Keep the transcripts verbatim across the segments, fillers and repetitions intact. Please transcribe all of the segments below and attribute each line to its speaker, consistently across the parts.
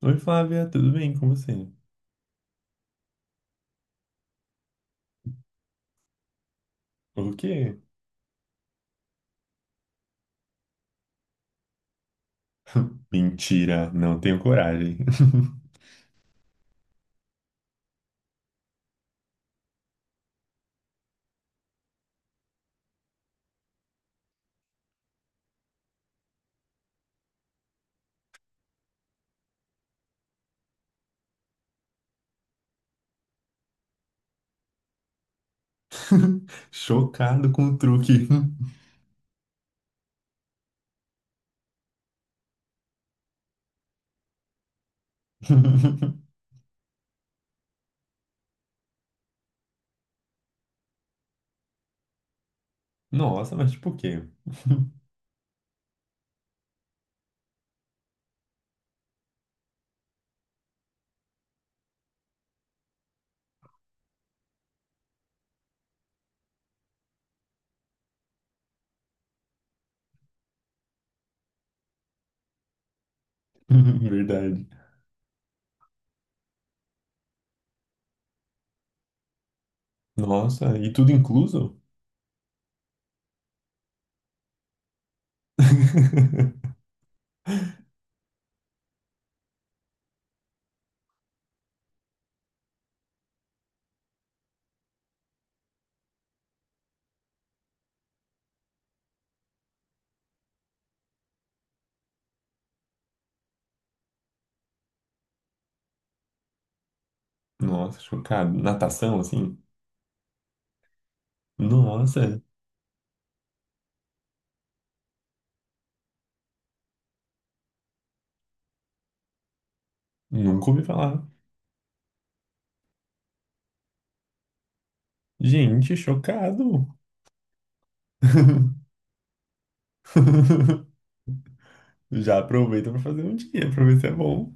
Speaker 1: Oi, Flávia, tudo bem com você? O quê? Mentira, não tenho coragem. Chocado com o truque. Nossa, mas tipo o quê? Verdade. Nossa, e tudo incluso? Nossa, chocado. Natação, assim? Nossa, nunca ouvi falar. Gente, chocado. Já aproveita pra fazer um dia, pra ver se é bom.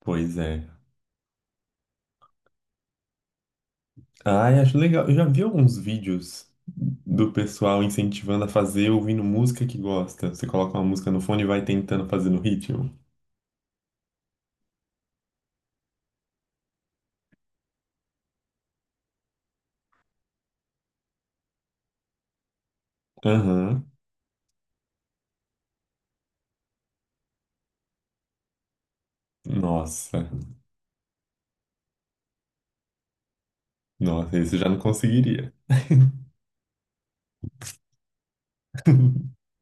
Speaker 1: Pois é. Ai, acho legal. Eu já vi alguns vídeos do pessoal incentivando a fazer ouvindo música que gosta. Você coloca uma música no fone e vai tentando fazer no ritmo. Aham. Nossa. Nossa, isso eu já não conseguiria.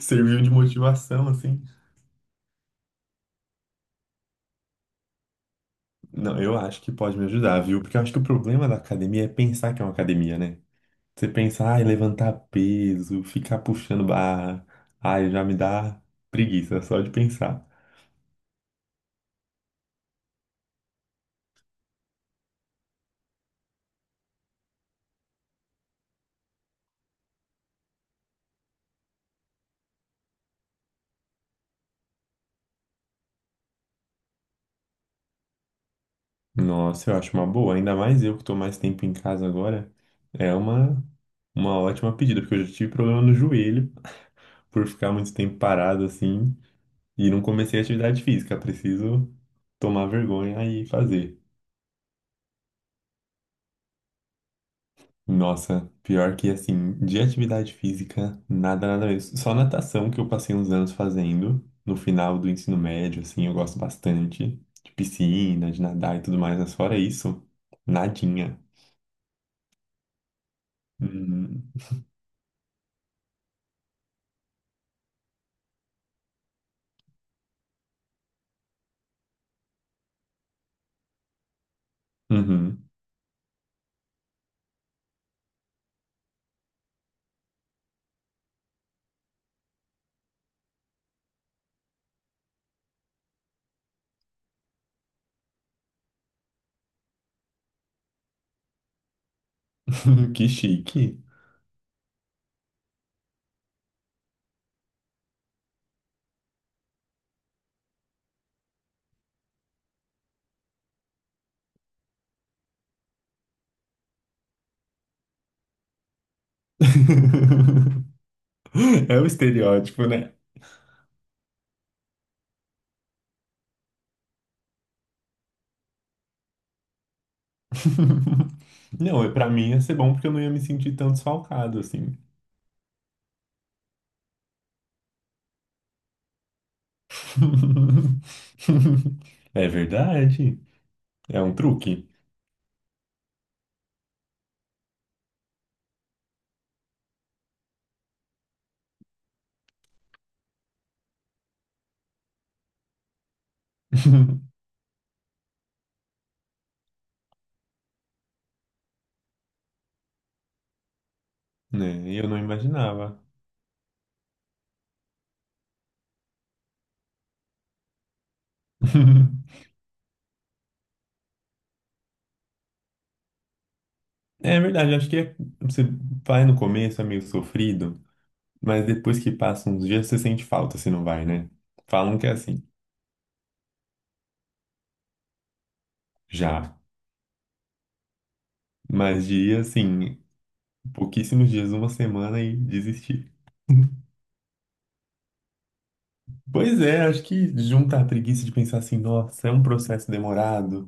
Speaker 1: Serviu de motivação, assim. Não, eu acho que pode me ajudar, viu? Porque eu acho que o problema da academia é pensar que é uma academia, né? Você pensa, ai, levantar peso, ficar puxando barra. Ai, já me dá preguiça só de pensar. Nossa, eu acho uma boa. Ainda mais eu que tô mais tempo em casa agora. É uma, uma ótima pedida, porque eu já tive problema no joelho por ficar muito tempo parado assim e não comecei a atividade física. Preciso tomar vergonha e fazer. Nossa, pior que assim, de atividade física, nada, nada mesmo. Só natação que eu passei uns anos fazendo no final do ensino médio, assim, eu gosto bastante de piscina, de nadar e tudo mais, mas fora isso, nadinha. Uhum. Uhum. Que chique. É o estereótipo, né? Não, pra mim ia ser bom porque eu não ia me sentir tão desfalcado assim. É verdade. É um truque. Né? E eu não imaginava. É verdade, acho que é- você vai no começo, é meio sofrido, mas depois que passa uns dias você sente falta se não vai, né? Falam que é assim, já. Mas dias assim, pouquíssimos dias, uma semana e desistir. Pois é, acho que junta a preguiça de pensar assim, nossa, é um processo demorado,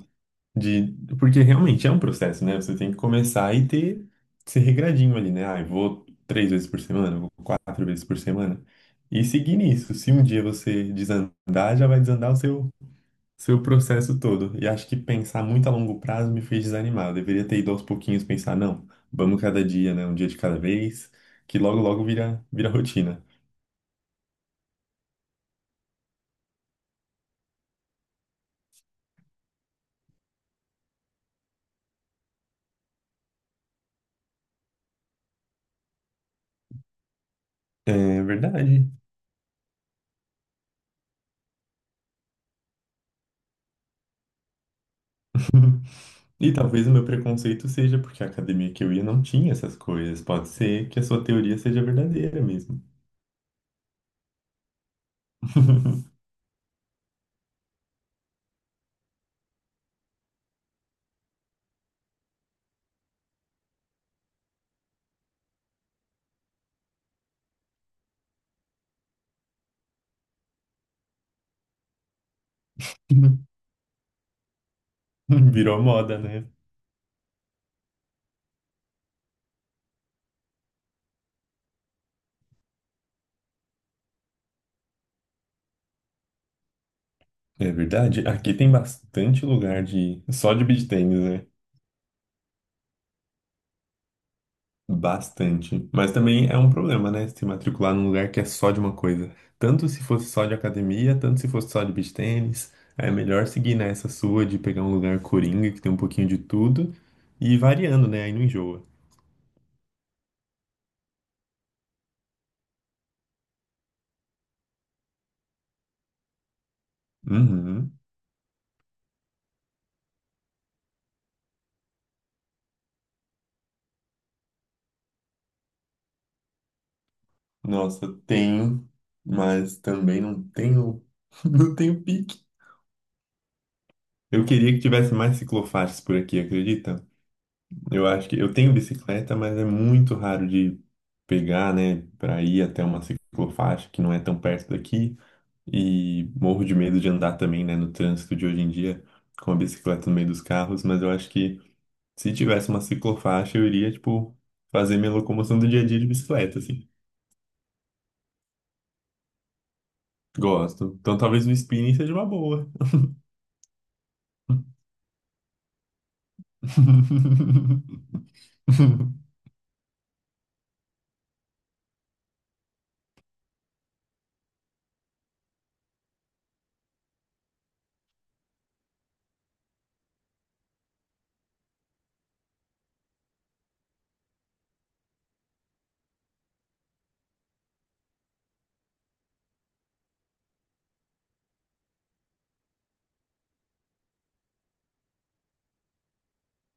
Speaker 1: de... porque realmente é um processo, né? Você tem que começar e ter, ser regradinho ali, né? Ah, eu vou três vezes por semana, eu vou quatro vezes por semana. E seguir nisso. Se um dia você desandar, já vai desandar o seu Seu processo todo. E acho que pensar muito a longo prazo me fez desanimar. Eu deveria ter ido aos pouquinhos pensar, não, vamos cada dia, né? Um dia de cada vez, que logo, logo vira, vira rotina. É verdade. E talvez o meu preconceito seja porque a academia que eu ia não tinha essas coisas. Pode ser que a sua teoria seja verdadeira mesmo. Virou moda, né? É verdade. Aqui tem bastante lugar de só de beach tennis, né? Bastante. Mas também é um problema, né? Se matricular num lugar que é só de uma coisa. Tanto se fosse só de academia, tanto se fosse só de beach tênis. É melhor seguir nessa sua de pegar um lugar coringa, que tem um pouquinho de tudo, e ir variando, né? Aí não enjoa. Uhum. Nossa, tenho, mas também não tenho, não tenho pique. Eu queria que tivesse mais ciclofaixas por aqui, acredita? Eu acho que eu tenho bicicleta, mas é muito raro de pegar, né, para ir até uma ciclofaixa que não é tão perto daqui. E morro de medo de andar também, né, no trânsito de hoje em dia com a bicicleta no meio dos carros, mas eu acho que se tivesse uma ciclofaixa, eu iria, tipo, fazer minha locomoção do dia a dia de bicicleta, assim. Gosto. Então talvez o spinning seja uma boa.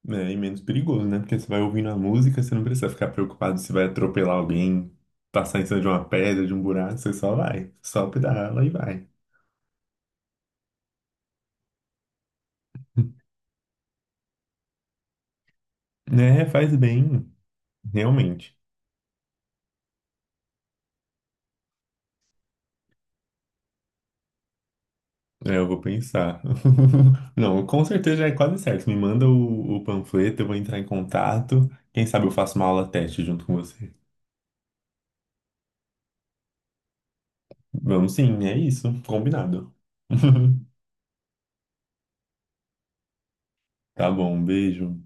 Speaker 1: É, e menos perigoso, né? Porque você vai ouvindo a música, você não precisa ficar preocupado se vai atropelar alguém, passar em cima de uma pedra, de um buraco, você só vai, só pedala e vai. Né? Faz bem, realmente. É, eu vou pensar. Não, com certeza já é quase certo. Me manda o, o panfleto, eu vou entrar em contato. Quem sabe eu faço uma aula teste junto com você. Vamos sim, é isso. Combinado. Tá bom, um beijo.